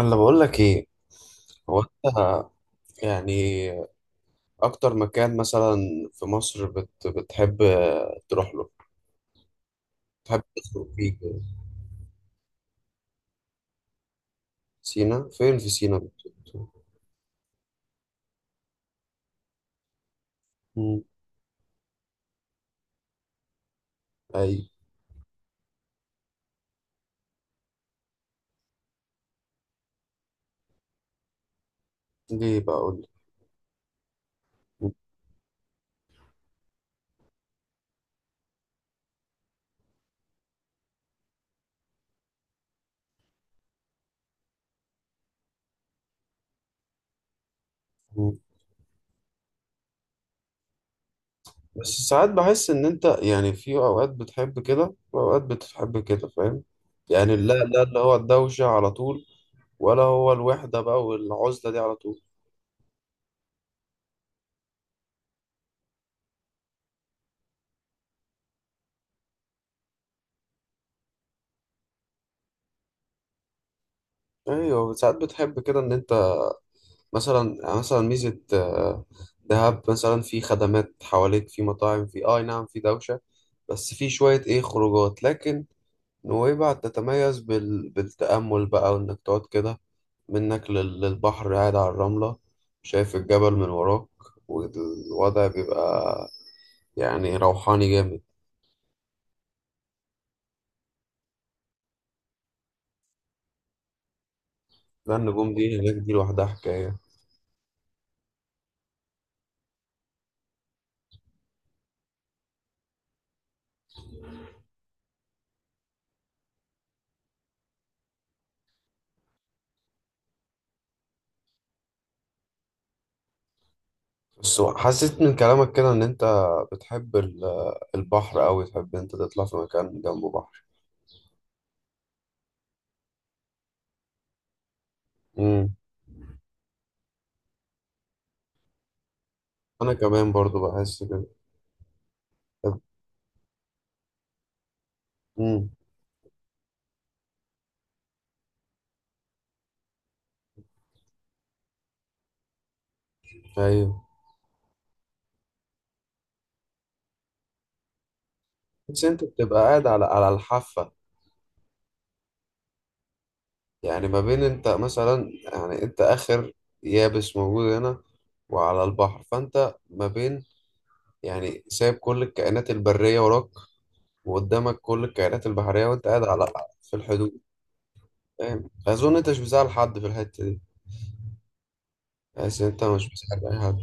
انا بقول لك ايه. هو انت يعني اكتر مكان مثلا في مصر بتحب تروح له، تحب تخرج فيه كده؟ سينا فين في سينا بالظبط؟ مم. اي. ليه بقى اقول لك. مم. بس ساعات بحس ان انت يعني في اوقات بتحب كده واوقات بتحب كده، فاهم؟ يعني لا لا، اللي هو الدوشة على طول ولا هو الوحدة بقى والعزلة دي على طول. ايوه، ساعات بتحب كده ان انت مثلا ميزة، دهب مثلا في خدمات حواليك، في مطاعم، في اي نعم في دوشة، بس في شوية ايه خروجات. لكن نويبع تتميز بالتأمل بقى، وانك تقعد كده منك للبحر، قاعد على الرملة، شايف الجبل من وراك، والوضع بيبقى يعني روحاني جامد. لا النجوم دي هناك دي لوحدها حكاية. بس حسيت من كلامك كده ان انت بتحب البحر اوي، تحب إن انت تطلع في مكان جنبه. بحر. انا كمان برضو بحس كده. طب- امم. ايوه. بس انت بتبقى قاعد على الحافه. يعني ما بين انت مثلا، يعني انت اخر يابس موجود هنا، وعلى البحر، فانت ما بين، يعني سايب كل الكائنات البريه وراك، وقدامك كل الكائنات البحريه، وانت قاعد على في الحدود. فاهم؟ اظن انت مش بتزعل حد في الحته دي. بس انت مش بتزعل اي حد.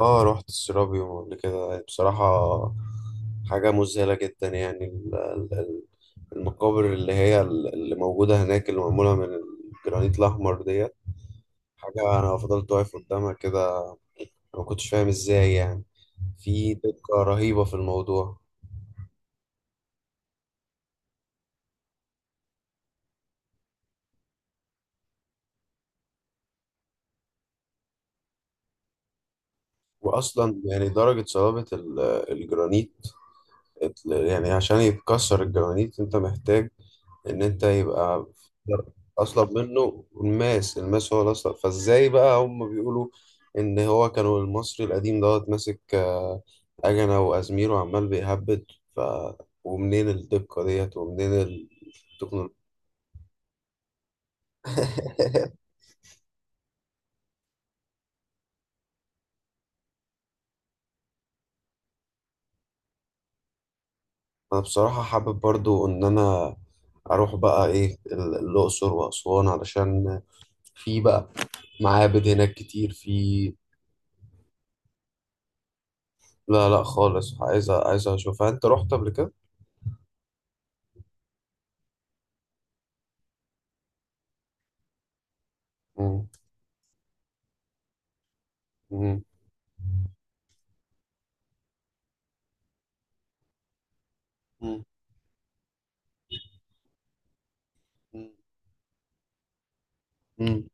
اه، رحت السيرابيوم قبل كده بصراحه. حاجه مذهله جدا يعني. المقابر اللي هي اللي موجودة هناك، اللي معمولة من الجرانيت الأحمر ديت، حاجة. أنا فضلت واقف قدامها كده، أنا ما كنتش فاهم إزاي يعني. في دقة رهيبة في الموضوع. وأصلا يعني درجة صلابة الجرانيت، يعني عشان يتكسر الجرانيت أنت محتاج ان انت يبقى اصلا منه الماس. الماس هو الاصل. فازاي بقى هم بيقولوا ان هو كانوا المصري القديم دوت ماسك، اجنه وازمير وعمال بيهبد، ف ومنين الدقه ديت؟ ومنين التكنولوجيا؟ انا بصراحه حابب برضو ان انا اروح بقى ايه الاقصر واسوان، علشان في بقى معابد هناك كتير في. لا لا خالص، عايز اشوفها. انت رحت قبل كده؟ مم. مم. مم. مم.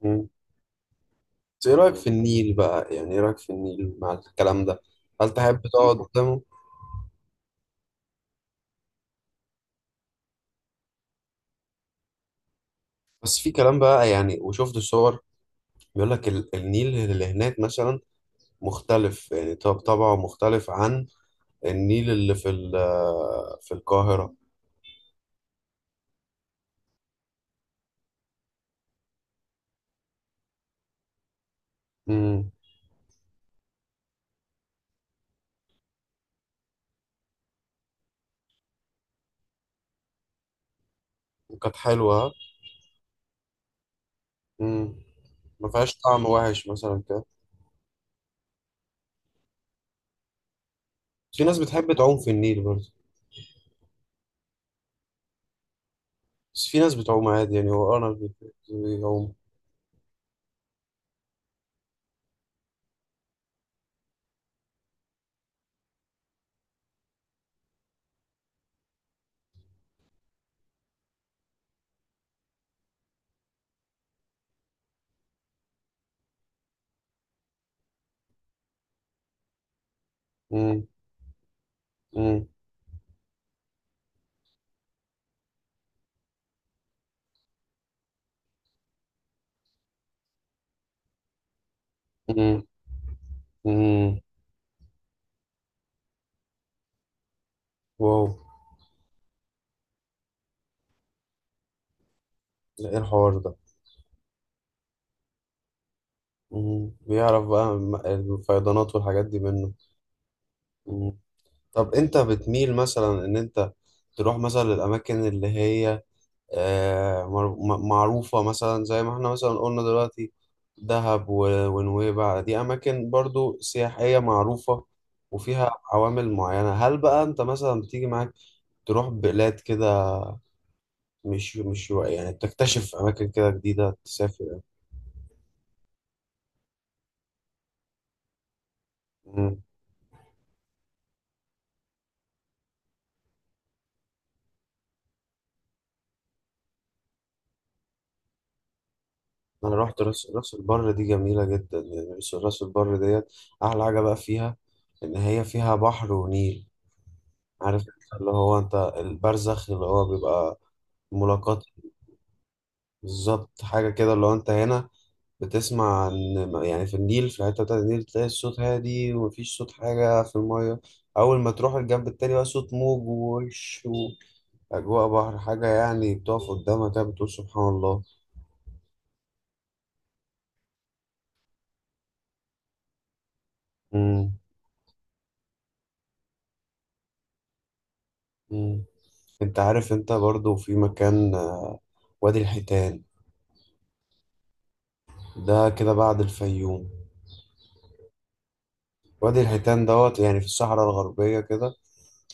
مم. بس ايه رأيك في النيل بقى؟ يعني ايه رأيك في النيل مع الكلام ده؟ هل تحب تقعد قدامه؟ بس في كلام بقى يعني، وشفت الصور، بيقول لك النيل اللي هناك مثلا مختلف، يعني طب طبعه مختلف عن النيل اللي في في القاهرة. امم. وكانت حلوة. امم. ما فيهاش طعم وحش مثلا كده؟ بس في ناس بتحب تعوم في النيل برضه. بس في ناس بتعوم عادي، يعني هو انا بيعوم. امم. امم. امم. واو. لا، ايه الحوار ده؟ مم. بيعرف بقى الفيضانات والحاجات دي منه. مم. طب انت بتميل مثلا ان انت تروح مثلا للاماكن اللي هي، معروفة مثلا زي ما احنا مثلا قلنا دلوقتي، دهب ونويبع، دي اماكن برضو سياحية معروفة وفيها عوامل معينة. هل بقى انت مثلا بتيجي معاك تروح بلاد كده، مش يعني تكتشف اماكن كده جديدة، تسافر؟ انا رحت راس البر. دي جميله جدا يعني. راس البر ديت احلى حاجه بقى فيها ان هي فيها بحر ونيل. عارف أنت اللي هو انت البرزخ اللي هو بيبقى ملاقات. بالظبط، حاجه كده اللي هو انت هنا بتسمع ان يعني في النيل، في الحته بتاعت النيل، تلاقي الصوت هادي ومفيش صوت حاجه في الميه. اول ما تروح الجنب التاني بقى، صوت موج ووش واجواء بحر، حاجه يعني بتقف قدامها كده بتقول سبحان الله. امم. أمم. انت عارف انت برضو في مكان، وادي الحيتان. ده كده بعد الفيوم. وادي الحيتان دوت يعني في الصحراء الغربية كده.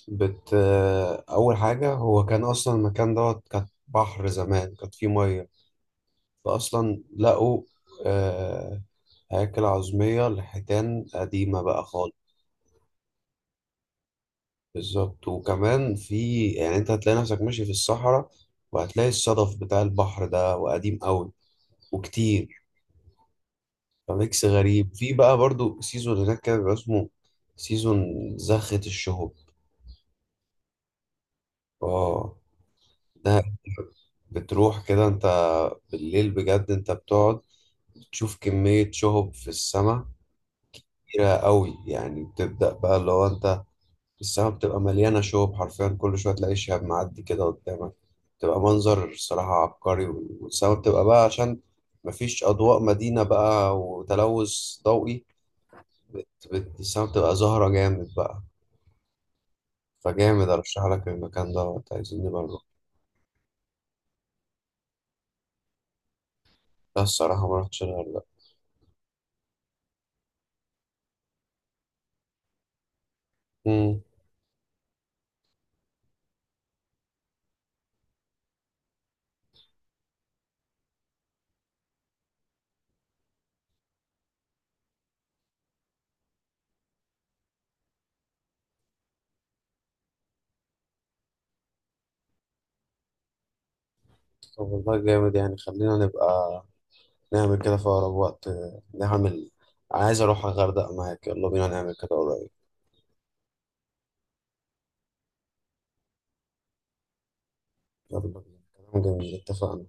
بت أول حاجة، هو كان أصلا المكان دوت كانت بحر زمان، كانت فيه مية، فأصلا لقوا آه، هياكل عظمية لحيتان قديمة بقى خالص. بالظبط، وكمان في يعني أنت هتلاقي نفسك ماشي في الصحراء، وهتلاقي الصدف بتاع البحر ده وقديم أوي وكتير. فميكس غريب. في بقى برضو سيزون هناك كده بيبقى اسمه سيزون زخة الشهب. اه. ده بتروح كده انت بالليل، بجد انت بتقعد تشوف كمية شهب في السماء كبيرة قوي. يعني بتبدأ بقى اللي هو انت السماء بتبقى مليانة شهب حرفيا، كل شوية تلاقي شهاب معدي كده قدامك، بتبقى منظر الصراحة عبقري. والسماء بتبقى بقى عشان مفيش أضواء مدينة بقى وتلوث ضوئي، السماء بتبقى زهرة جامد بقى. فجامد ارشح لك المكان دوت. عايزين نبقى نروح. لا الصراحه ما رحتش انا ولا. امم. طب والله جامد، يعني خلينا نبقى نعمل كده في اقرب وقت. نعمل. عايز اروح الغردقه معاك، يلا بينا نعمل كده قريب. يلا بينا. كلام جميل، اتفقنا.